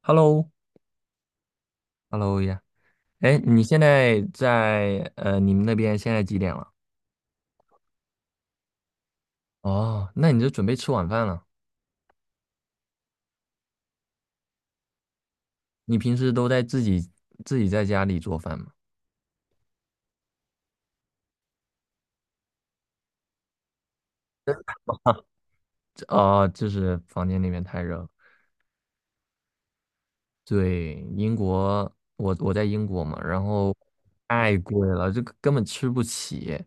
Hello，Hello 呀，哎，你现在你们那边现在几点了？哦，那你就准备吃晚饭了。你平时都在自己在家里做饭吗？这啊、就是房间那边太热了。对，英国，我在英国嘛，然后太贵了，这个根本吃不起。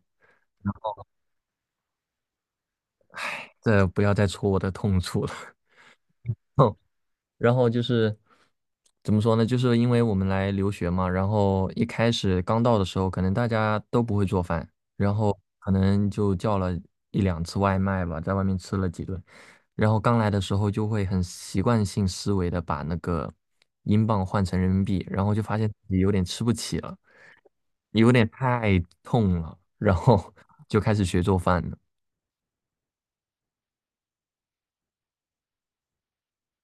这不要再戳我的痛处了。然后就是怎么说呢？就是因为我们来留学嘛，然后一开始刚到的时候，可能大家都不会做饭，然后可能就叫了一两次外卖吧，在外面吃了几顿。然后刚来的时候就会很习惯性思维的把那个英镑换成人民币，然后就发现自己有点吃不起了，有点太痛了，然后 就开始学做饭了。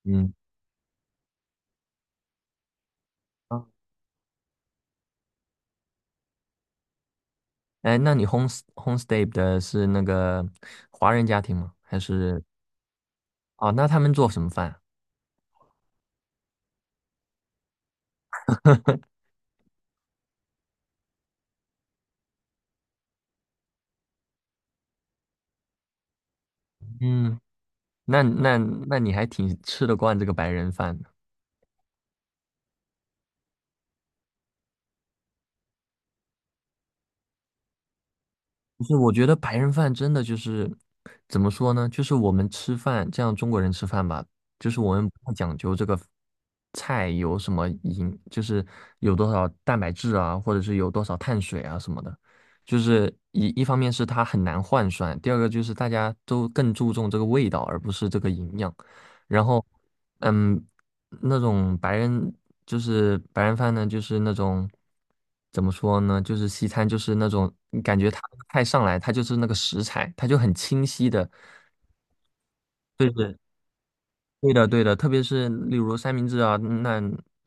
嗯。哎，那你 homestay 的是那个华人家庭吗？还是哦？那他们做什么饭啊？嗯，那那那你还挺吃得惯这个白人饭的。不是，我觉得白人饭真的就是怎么说呢？就是我们吃饭，这样中国人吃饭吧，就是我们不太讲究这个菜有什么营，就是有多少蛋白质啊，或者是有多少碳水啊什么的。就是一方面是它很难换算，第二个就是大家都更注重这个味道，而不是这个营养。然后，嗯，那种白人就是白人饭呢，就是那种怎么说呢，就是西餐，就是那种你感觉它菜上来，它就是那个食材，它就很清晰的。对是对的对的，特别是例如三明治啊，那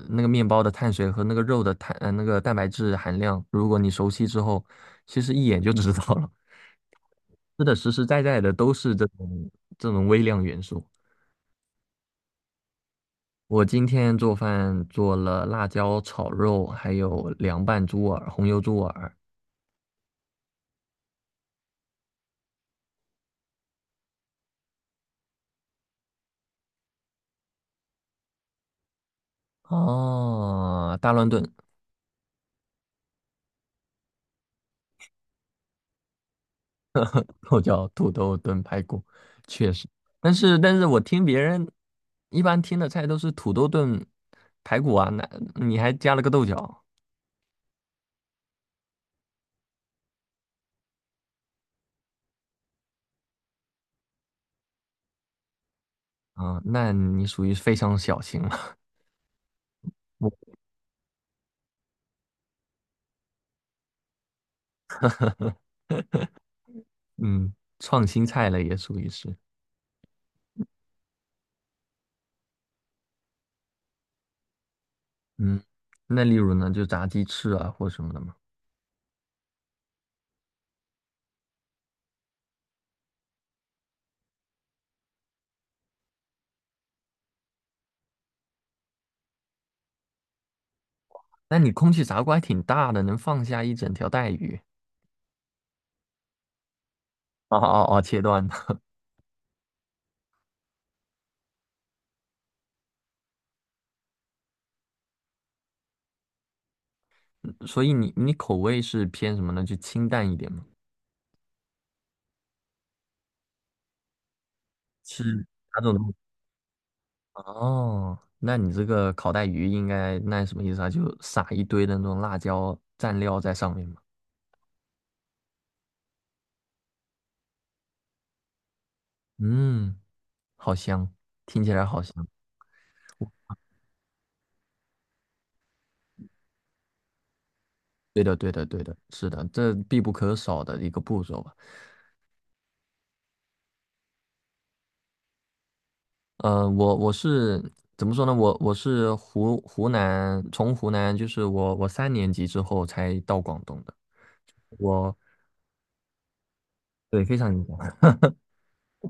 那个面包的碳水和那个肉的那个蛋白质含量，如果你熟悉之后，其实一眼就知道了。吃的实实在在的都是这种微量元素。我今天做饭做了辣椒炒肉，还有凉拌猪耳、红油猪耳。哦，大乱炖，又叫土豆炖排骨，确实。但是我听别人一般听的菜都是土豆炖排骨啊，那你还加了个豆角啊，那你属于非常小型了。我嗯，创新菜了也属于是。嗯，那例如呢，就炸鸡翅啊或什么的嘛。那你空气炸锅还挺大的，能放下一整条带鱼。哦哦哦，切断的。所以你口味是偏什么呢？就清淡一点吗？吃哪种东西哦，那你这个烤带鱼应该那什么意思啊？就撒一堆的那种辣椒蘸料在上面嘛。嗯，好香，听起来好香。对的，对的，对的，是的，这必不可少的一个步骤吧。我是怎么说呢？我是湖南，从湖南就是我三年级之后才到广东的。我对非常影响。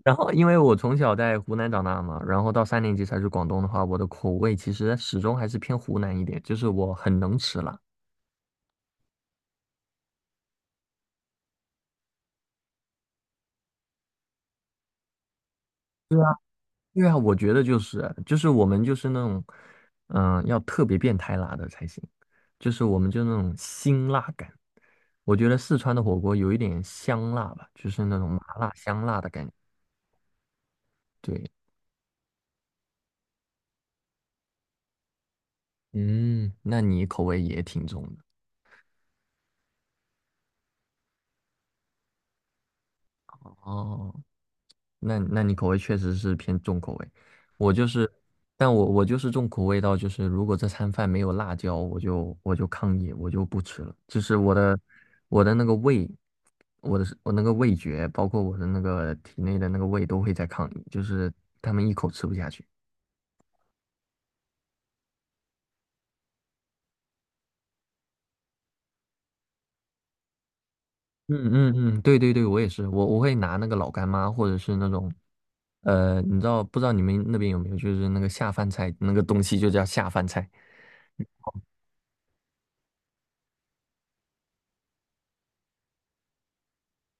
然后，因为我从小在湖南长大嘛，然后到三年级才去广东的话，我的口味其实始终还是偏湖南一点，就是我很能吃辣。对啊，我觉得就是我们就是那种，嗯、要特别变态辣的才行，就是我们就那种辛辣感。我觉得四川的火锅有一点香辣吧，就是那种麻辣香辣的感觉。对，嗯，那你口味也挺重的哦。那你口味确实是偏重口味。我就是，但我就是重口味到就是，如果这餐饭没有辣椒，我就抗议，我就不吃了。就是我的那个胃，我那个味觉，包括我的那个体内的那个胃都会在抗议，就是他们一口吃不下去。嗯嗯嗯，对对对，我也是，我会拿那个老干妈或者是那种。你知道不知道你们那边有没有，就是那个下饭菜那个东西就叫下饭菜。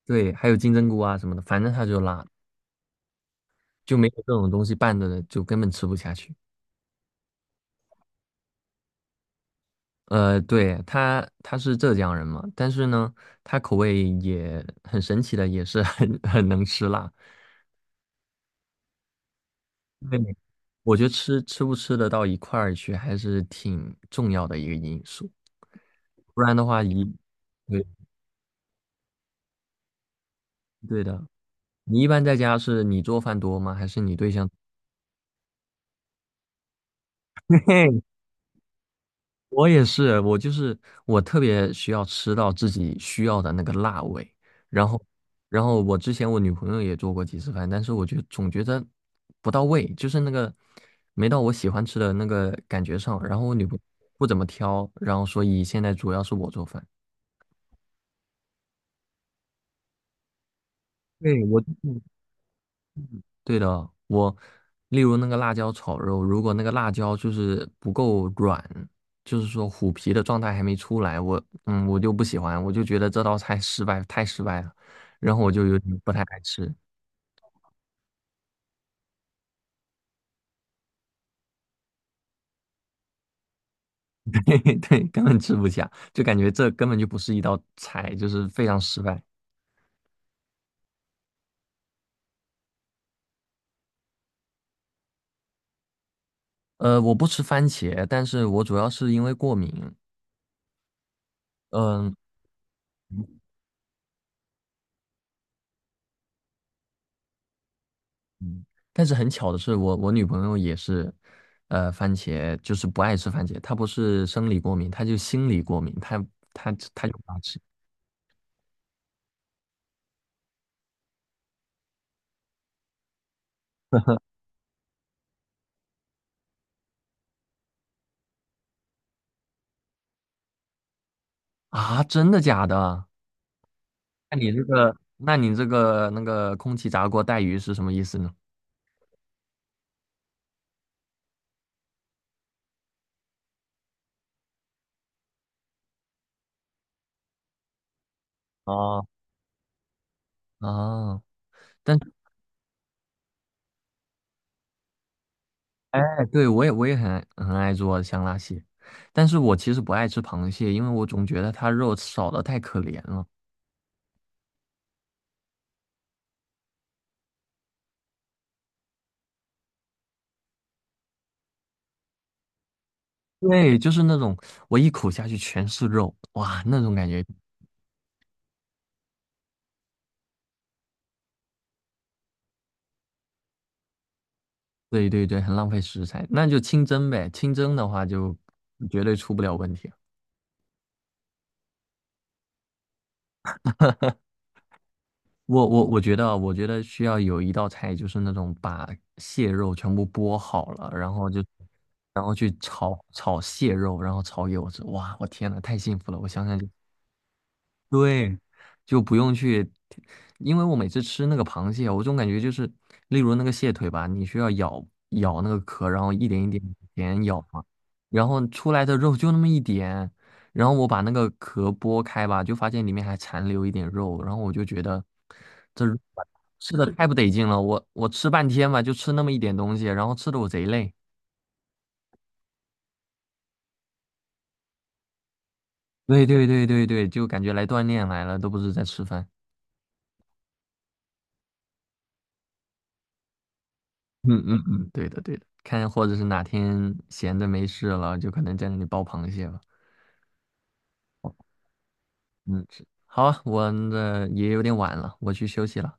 对，还有金针菇啊什么的，反正它就辣，就没有这种东西拌着的，就根本吃不下去。对，他是浙江人嘛，但是呢，他口味也很神奇的，也是 很能吃辣。对，我觉得吃不吃得到一块儿去，还是挺重要的一个因素。不然的话，一，对对的，你一般在家是你做饭多吗？还是你对象？我也是，我就是我特别需要吃到自己需要的那个辣味。然后，然后我之前我女朋友也做过几次饭，但是我就总觉得不到位，就是那个没到我喜欢吃的那个感觉上，然后我女朋友不怎么挑，然后所以现在主要是我做饭。对，我。对的，我例如那个辣椒炒肉，如果那个辣椒就是不够软，就是说虎皮的状态还没出来，我就不喜欢，我就觉得这道菜失败，太失败了，然后我就有点不太爱吃。对对，根本吃不下，就感觉这根本就不是一道菜，就是非常失败。我不吃番茄，但是我主要是因为过敏。嗯、嗯，但是很巧的是我女朋友也是，番茄就是不爱吃番茄，她不是生理过敏，她就心理过敏，她就不爱吃啊！真的假的？那你这个那个空气炸锅带鱼是什么意思呢？哦哦，但是哎，对我也很爱做香辣蟹，但是我其实不爱吃螃蟹，因为我总觉得它肉少的太可怜了。对，就是那种我一口下去全是肉，哇，那种感觉。对对对，很浪费食材，那就清蒸呗。清蒸的话就绝对出不了问题。我觉得啊，我觉得需要有一道菜，就是那种把蟹肉全部剥好了，然后就然后去炒炒蟹肉，然后炒给我吃。哇，我天呐，太幸福了！我想想就。对，就不用去，因为我每次吃那个螃蟹，我总感觉就是，例如那个蟹腿吧，你需要咬咬那个壳，然后一点一点点咬嘛，然后出来的肉就那么一点，然后我把那个壳剥开吧，就发现里面还残留一点肉，然后我就觉得这肉吧吃的太不得劲了，我吃半天吧，就吃那么一点东西，然后吃的我贼累。对对对对对，就感觉来锻炼来了，都不是在吃饭。嗯嗯嗯，对的对的，看或者是哪天闲的没事了，就可能在那里剥螃蟹吧。嗯，是好啊，我的也有点晚了，我去休息了。